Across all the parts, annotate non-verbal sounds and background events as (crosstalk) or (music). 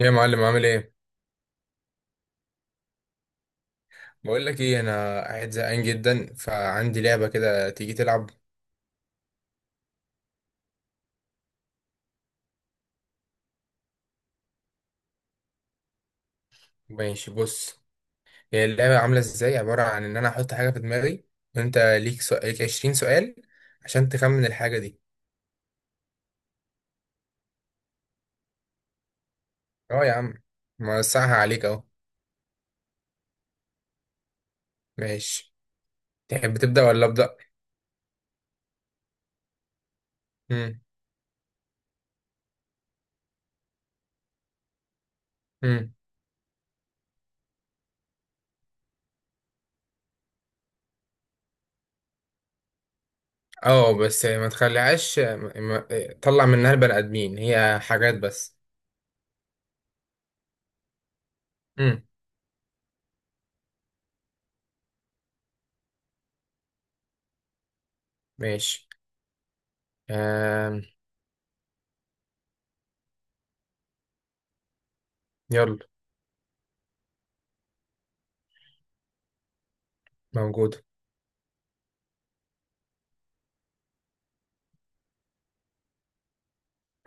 ايه يا معلم، عامل ايه؟ بقول لك ايه، انا قاعد زهقان جدا، فعندي لعبه كده، تيجي تلعب؟ ماشي، بص. هي اللعبه عامله ازاي، عباره عن ان انا احط حاجه في دماغي، وانت ليك سؤال، ليك 20 سؤال عشان تخمن الحاجه دي. اه يا عم، موسعها عليك اهو. ماشي. تحب تبدا ولا ابدا؟ امم. امم. اه، بس ما تخليهاش ما... ما... طلع منها البني ادمين، هي حاجات بس. امم. ماشي. آم... يلا. موجود.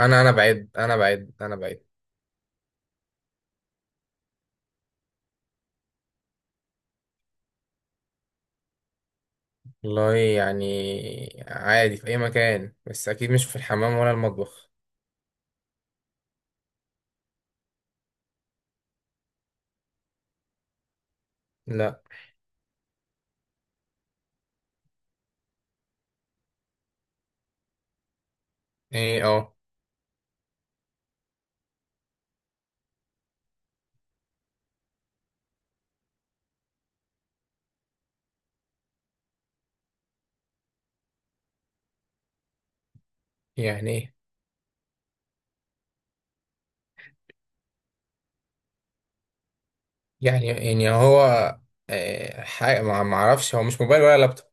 انا بعد، انا بعد، انا بعد. والله يعني عادي، في أي مكان، بس أكيد مش في الحمام ولا المطبخ. لا. إيه، أه. يعني إيه؟ يعني هو، حاجة ما أعرفش، هو مش موبايل ولا لابتوب.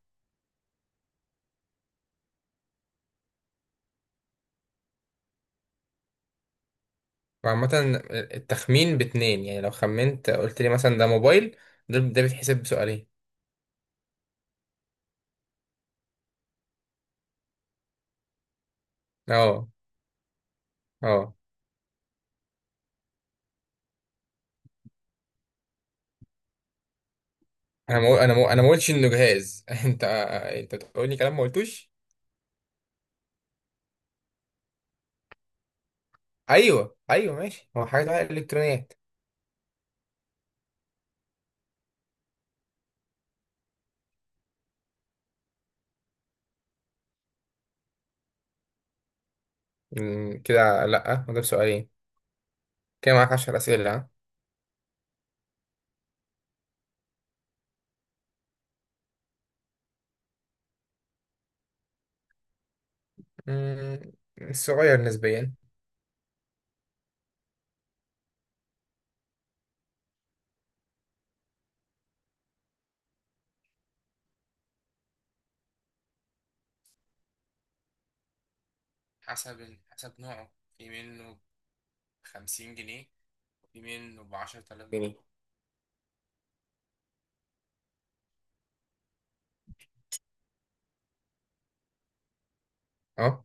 وعامة، التخمين باتنين يعني، لو خمنت قلت لي مثلا ده موبايل، ده بيتحسب بسؤالين. أه. أه. أنا ما قلتش إنه جهاز. (laughs) أنت بتقول لي كلام ما قلتوش. أيوه، أيوه، ماشي، هو حاجة إلكترونيات. مم، كده لأ، وده بسؤالين. كده معاك 10 أسئلة، ها. مم، صغير نسبيا. حسب نوعه. في منه ب50 جنيه، في منه ب10,000 جنيه. اه.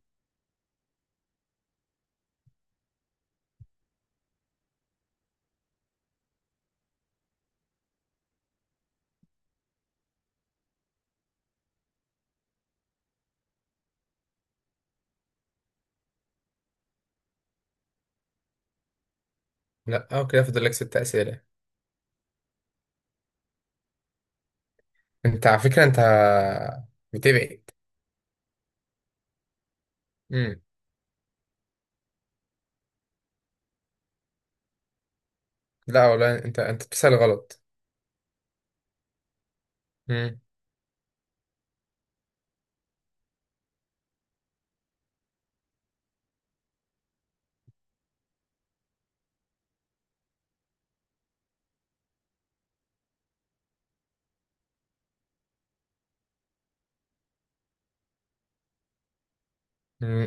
لا، اه، كده فاضل لك ست اسئله. انت على فكره، انت بتبعد. امم. لا والله، انت بتسال غلط. امم.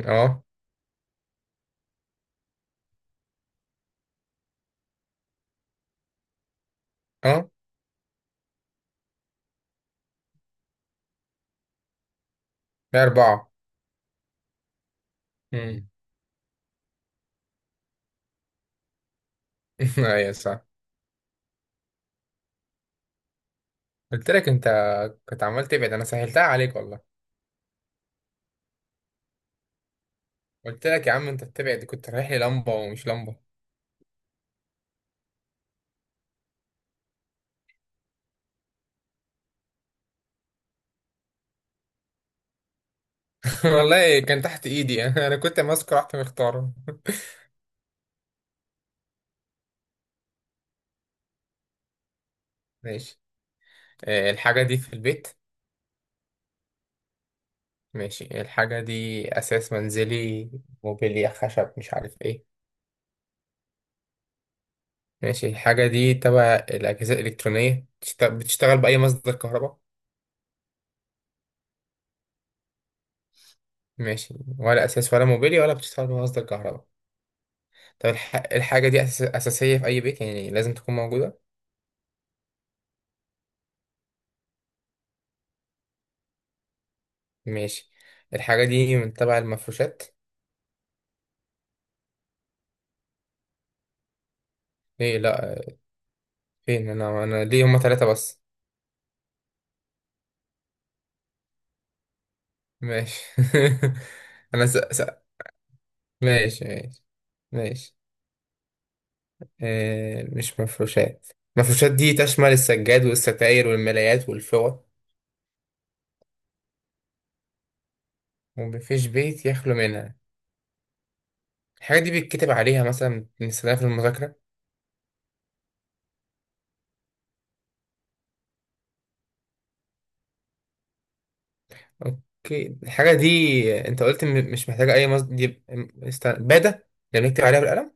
اه. اه. لا، اربعه. امم. (laughs) ايوه، صح. قلت لك انت، كنت عمال تبعد، انا سهلتها عليك والله. قلت لك يا عم، انت بتبعد، كنت رايح لي لمبه ومش لمبه. (laughs) والله كان تحت ايدي، (laughs) انا كنت ماسكه رحت مختاره. (laughs) ماشي. الحاجة دي في البيت. ماشي، الحاجة دي أساس منزلي، موبيليا، خشب، مش عارف إيه؟ ماشي، الحاجة دي تبع الأجهزة الإلكترونية، بتشتغل بأي مصدر كهرباء؟ ماشي، ولا أساس ولا موبيليا ولا بتشتغل بمصدر كهرباء. طب الحاجة دي أساسية في أي بيت، يعني لازم تكون موجودة. ماشي، الحاجة دي من تبع المفروشات؟ إيه؟ لأ. فين؟ أنا ليه هما تلاتة بس؟ ماشي. (laughs) أنا س... س... ماشي ماشي. ماشي. مش مفروشات. مفروشات دي تشمل السجاد والستاير والملايات والفوط، ومفيش بيت يخلو منها. الحاجة دي بيتكتب عليها، مثلا بنستخدمها في المذاكرة؟ اوكي، الحاجة دي، انت قلت مش محتاجة اي مصدر، دي بادة، اللي بنكتب عليها بالقلم.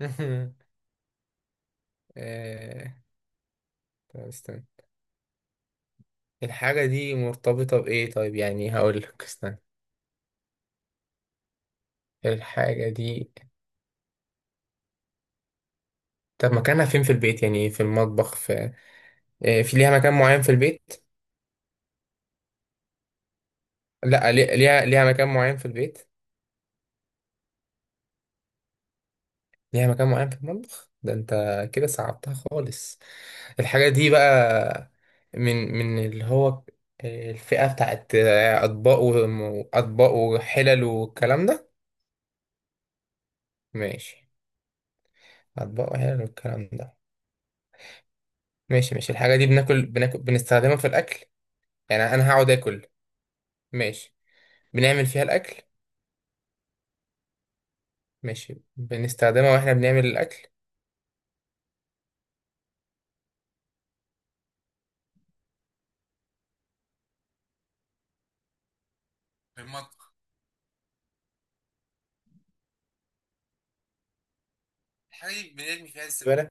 (laughs) آه، طب استنى، الحاجة دي مرتبطة بإيه؟ طيب يعني هقول لك استنى. الحاجة دي، طب مكانها فين في البيت يعني، في المطبخ، في في، ليها مكان معين في البيت؟ لا، ليها مكان معين في البيت. ليها مكان معين في المطبخ، ده انت كده صعبتها خالص. الحاجة دي بقى، من اللي هو الفئة بتاعت أطباق وأطباق وحلل والكلام ده. ماشي، أطباق وحلل والكلام ده. ماشي، ماشي. الحاجة دي بناكل بنستخدمها في الأكل؟ يعني أنا هقعد آكل؟ ماشي. بنعمل فيها الأكل؟ ماشي، بنستخدمها وإحنا بنعمل الأكل؟ في المطبخ. الحاجة دي بنرمي فيها الزبالة؟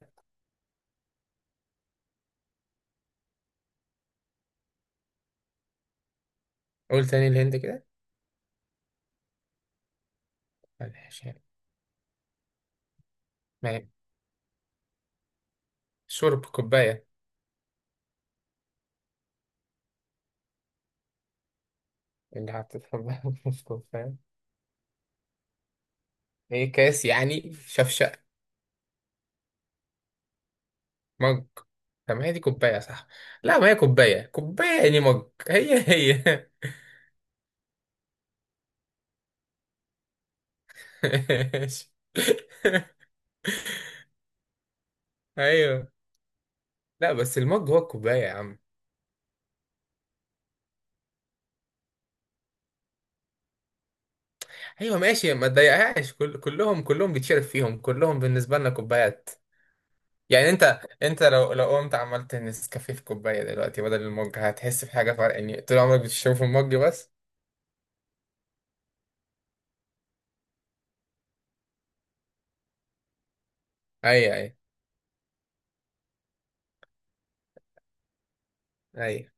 قول تاني الهند كده. معلش. يعني. شرب، كوباية؟ اللي حطيتها في (laughs) كوباية؟ ايه، كاس يعني؟ شفشق؟ مج؟ طب ما هي دي كوباية، صح؟ لا، ما هي كوباية، كوباية يعني مج، هي هي. (laughs) ماشي. ايوه. لا، بس المج هو الكوباية يا عم. ايوه، ماشي، ما تضايقهاش، كلهم بيتشرب فيهم، كلهم بالنسبة لنا كوبايات. يعني انت لو قمت عملت نسكافيه في كوباية دلوقتي بدل المج، هتحس بحاجة فرق يعني، طول عمرك بتشربه في المج بس. ايوه، ايوه، ايوه.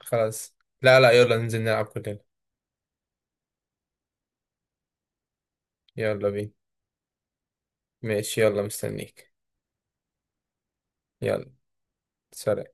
خلاص، لا، لا، يلا ننزل نلعب كلنا. يلا بينا. ماشي، يلا مستنيك. يلا. سلام.